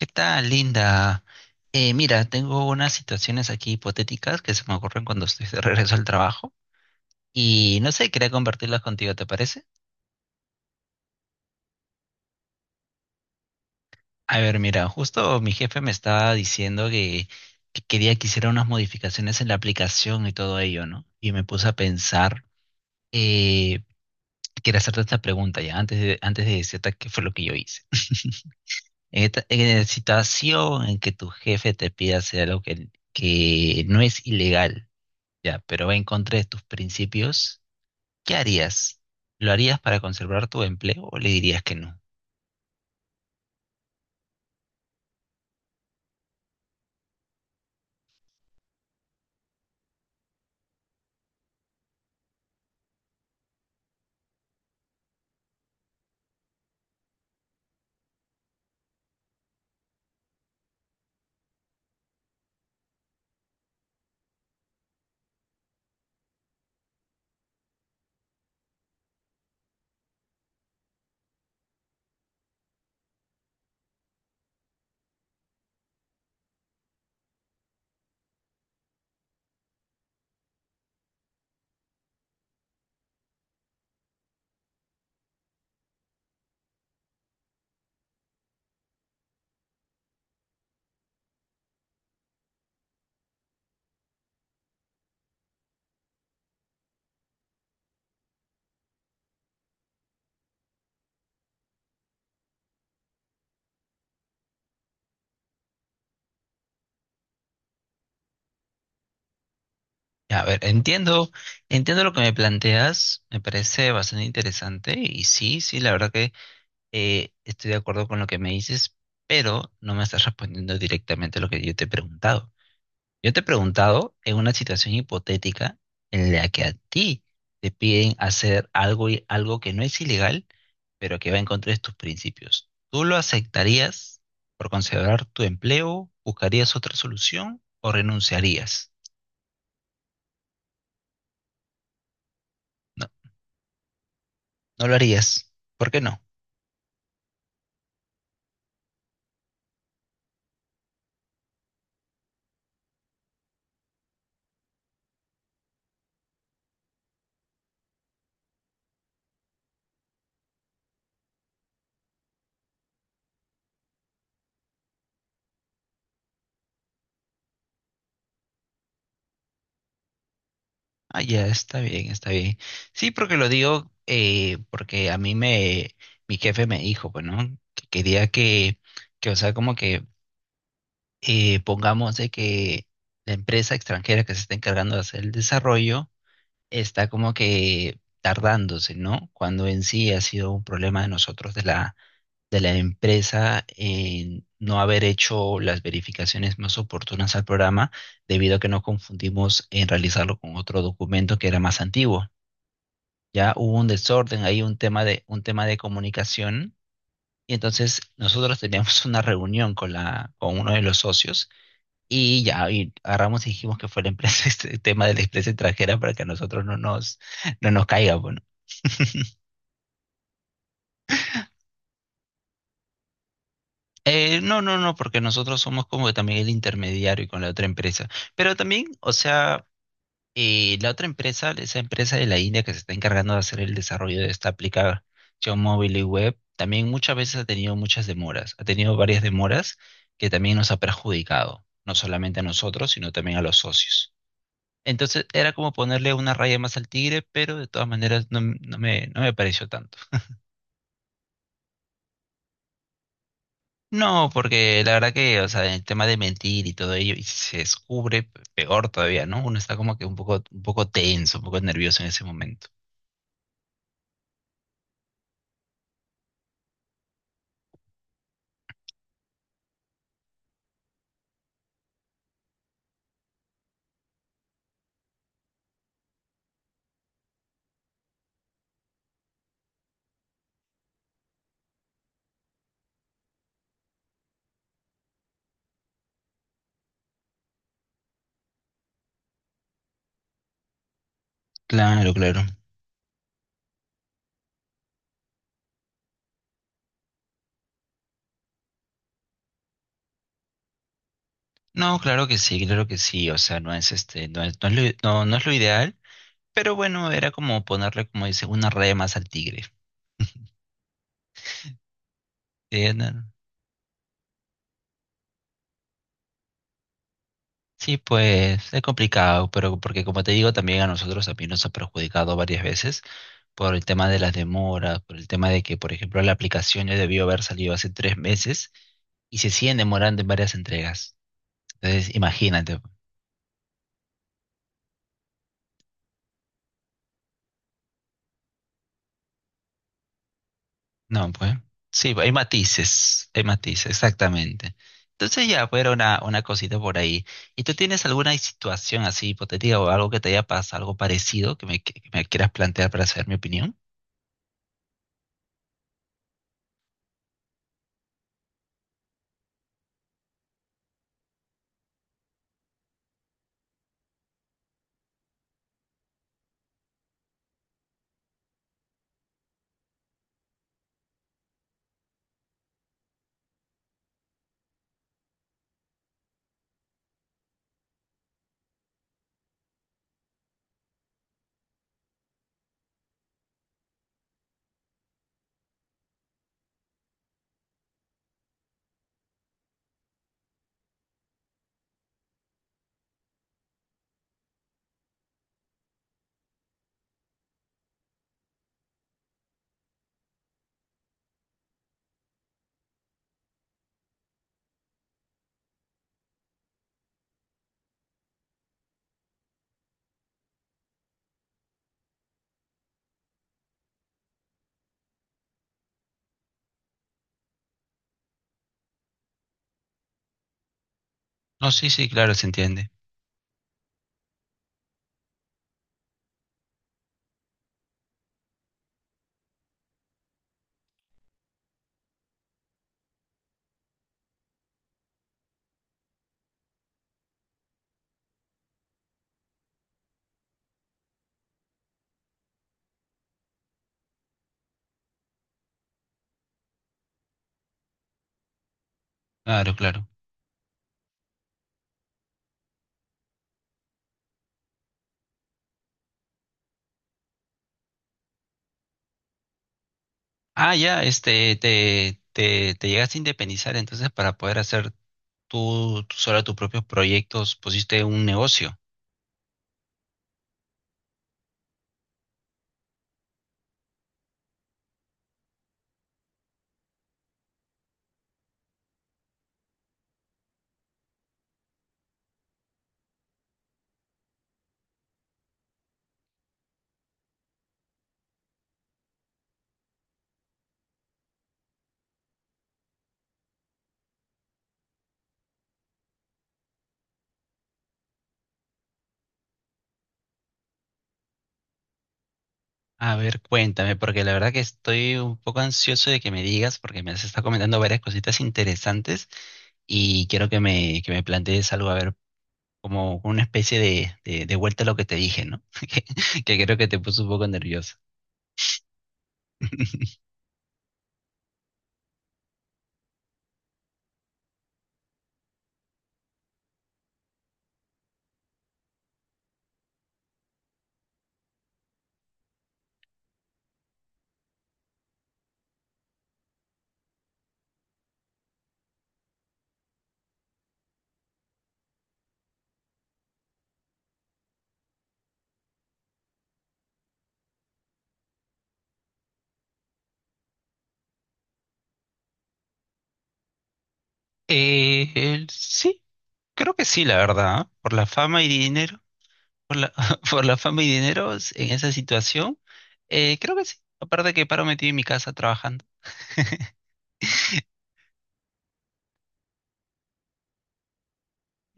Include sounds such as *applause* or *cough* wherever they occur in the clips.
¿Qué tal, Linda? Mira, tengo unas situaciones aquí hipotéticas que se me ocurren cuando estoy de regreso al trabajo y no sé, quería compartirlas contigo, ¿te parece? A ver, mira, justo mi jefe me estaba diciendo que quería que hiciera unas modificaciones en la aplicación y todo ello, ¿no? Y me puse a pensar, eh, quería hacerte esta pregunta ya, antes de decirte qué fue lo que yo hice. *laughs* En la situación en que tu jefe te pida hacer algo que no es ilegal. Ya, pero va en contra de tus principios. ¿Qué harías? ¿Lo harías para conservar tu empleo o le dirías que no? Ya, a ver, entiendo, entiendo lo que me planteas, me parece bastante interesante y sí, sí, la verdad que estoy de acuerdo con lo que me dices, pero no me estás respondiendo directamente a lo que yo te he preguntado. Yo te he preguntado en una situación hipotética en la que a ti te piden hacer algo y algo que no es ilegal, pero que va en contra de tus principios. ¿Tú lo aceptarías por conservar tu empleo? ¿Buscarías otra solución o renunciarías? No, no lo harías. ¿Por qué no? Ah, ya, está bien, está bien. Sí, porque lo digo porque a mí me, mi jefe me dijo, bueno, que quería que o sea, como que pongamos de que la empresa extranjera que se está encargando de hacer el desarrollo está como que tardándose, ¿no? Cuando en sí ha sido un problema de nosotros, de la empresa, en no haber hecho las verificaciones más oportunas al programa, debido a que nos confundimos en realizarlo con otro documento que era más antiguo. Ya hubo un desorden, ahí un tema de comunicación. Y entonces nosotros teníamos *laughs* una reunión con la, con uno de los socios y ya, y agarramos y dijimos que fue la empresa, *laughs* este tema de la empresa extranjera para que a nosotros no nos, no nos caiga, bueno. No, no, no, porque nosotros somos como que también el intermediario con la otra empresa. Pero también, o sea, la otra empresa, esa empresa de la India que se está encargando de hacer el desarrollo de esta aplicación móvil y web, también muchas veces ha tenido muchas demoras, ha tenido varias demoras que también nos ha perjudicado, no solamente a nosotros, sino también a los socios. Entonces era como ponerle una raya más al tigre, pero de todas maneras no, no me, no me pareció tanto. No, porque la verdad que, o sea, el tema de mentir y todo ello, y si se descubre, peor todavía, ¿no? Uno está como que un poco tenso, un poco nervioso en ese momento. Claro, claro. No, claro que sí, claro que sí. O sea, no es este, no es, no es lo, no, no es lo ideal, pero bueno, era como ponerle, como dice, una raya más al tigre. *laughs* Sí, no. Sí, pues es complicado, pero porque como te digo, también a nosotros, a mí nos ha perjudicado varias veces, por el tema de las demoras, por el tema de que, por ejemplo, la aplicación ya debió haber salido hace 3 meses y se siguen demorando en varias entregas. Entonces, imagínate. No, pues. Sí, hay matices, exactamente. Entonces ya, pues era una cosita por ahí. ¿Y tú tienes alguna situación así hipotética o algo que te haya pasado, algo parecido que me quieras plantear para saber mi opinión? No, sí, sí, claro, se entiende. Claro, claro. Ah, ya, este, te llegaste a independizar entonces para poder hacer tú, tú sobre tus propios proyectos pusiste un negocio. A ver, cuéntame, porque la verdad que estoy un poco ansioso de que me digas, porque me has estado comentando varias cositas interesantes y quiero que me plantees algo, a ver, como una especie de, de vuelta a lo que te dije, ¿no? *laughs* Que creo que te puso un poco nervioso. *laughs* Sí, creo que sí, la verdad, ¿ah? Por la fama y dinero, por la, *laughs* por la fama y dinero en esa situación, creo que sí. Aparte que paro metido en mi casa trabajando.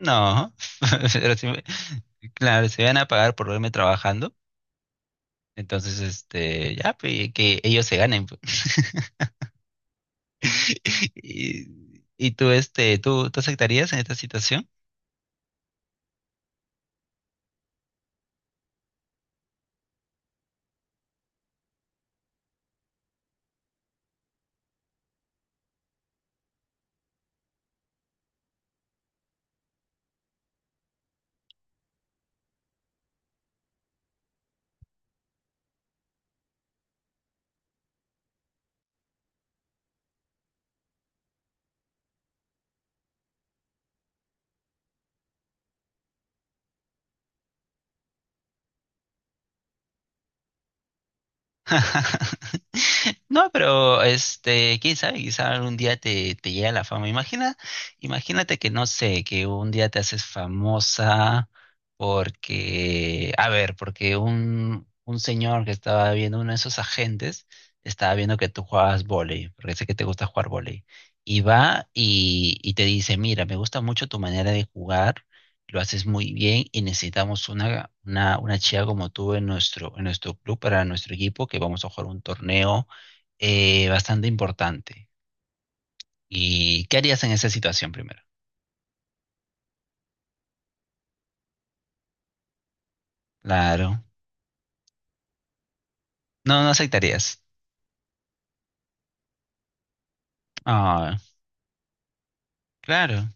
No, *laughs* pero sí me- claro, se van a pagar por verme trabajando, entonces este, ya, pues, que ellos se ganen, pues. *laughs* Y, y tú, este, ¿tú, tú aceptarías en esta situación? *laughs* No, pero este, quién sabe, quizá algún día te, te llega la fama. Imagina, imagínate que no sé, que un día te haces famosa porque, a ver, porque un señor que estaba viendo, uno de esos agentes, estaba viendo que tú jugabas vóley, porque sé que te gusta jugar vóley, y va y te dice, mira, me gusta mucho tu manera de jugar, lo haces muy bien y necesitamos una chica como tú en nuestro club, para nuestro equipo, que vamos a jugar un torneo bastante importante. ¿Y qué harías en esa situación primero? Claro. No, no aceptarías. Ah, claro.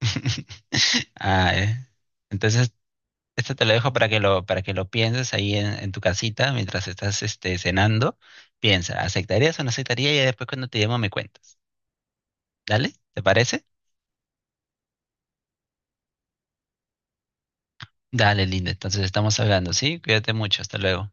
*laughs* Ah, eh. Entonces, esto te lo dejo para que lo pienses ahí en tu casita mientras estás este, cenando. Piensa, ¿aceptarías o no aceptarías? Y después cuando te llamo me cuentas. ¿Dale? ¿Te parece? Dale, linda. Entonces estamos hablando, ¿sí? Cuídate mucho. Hasta luego.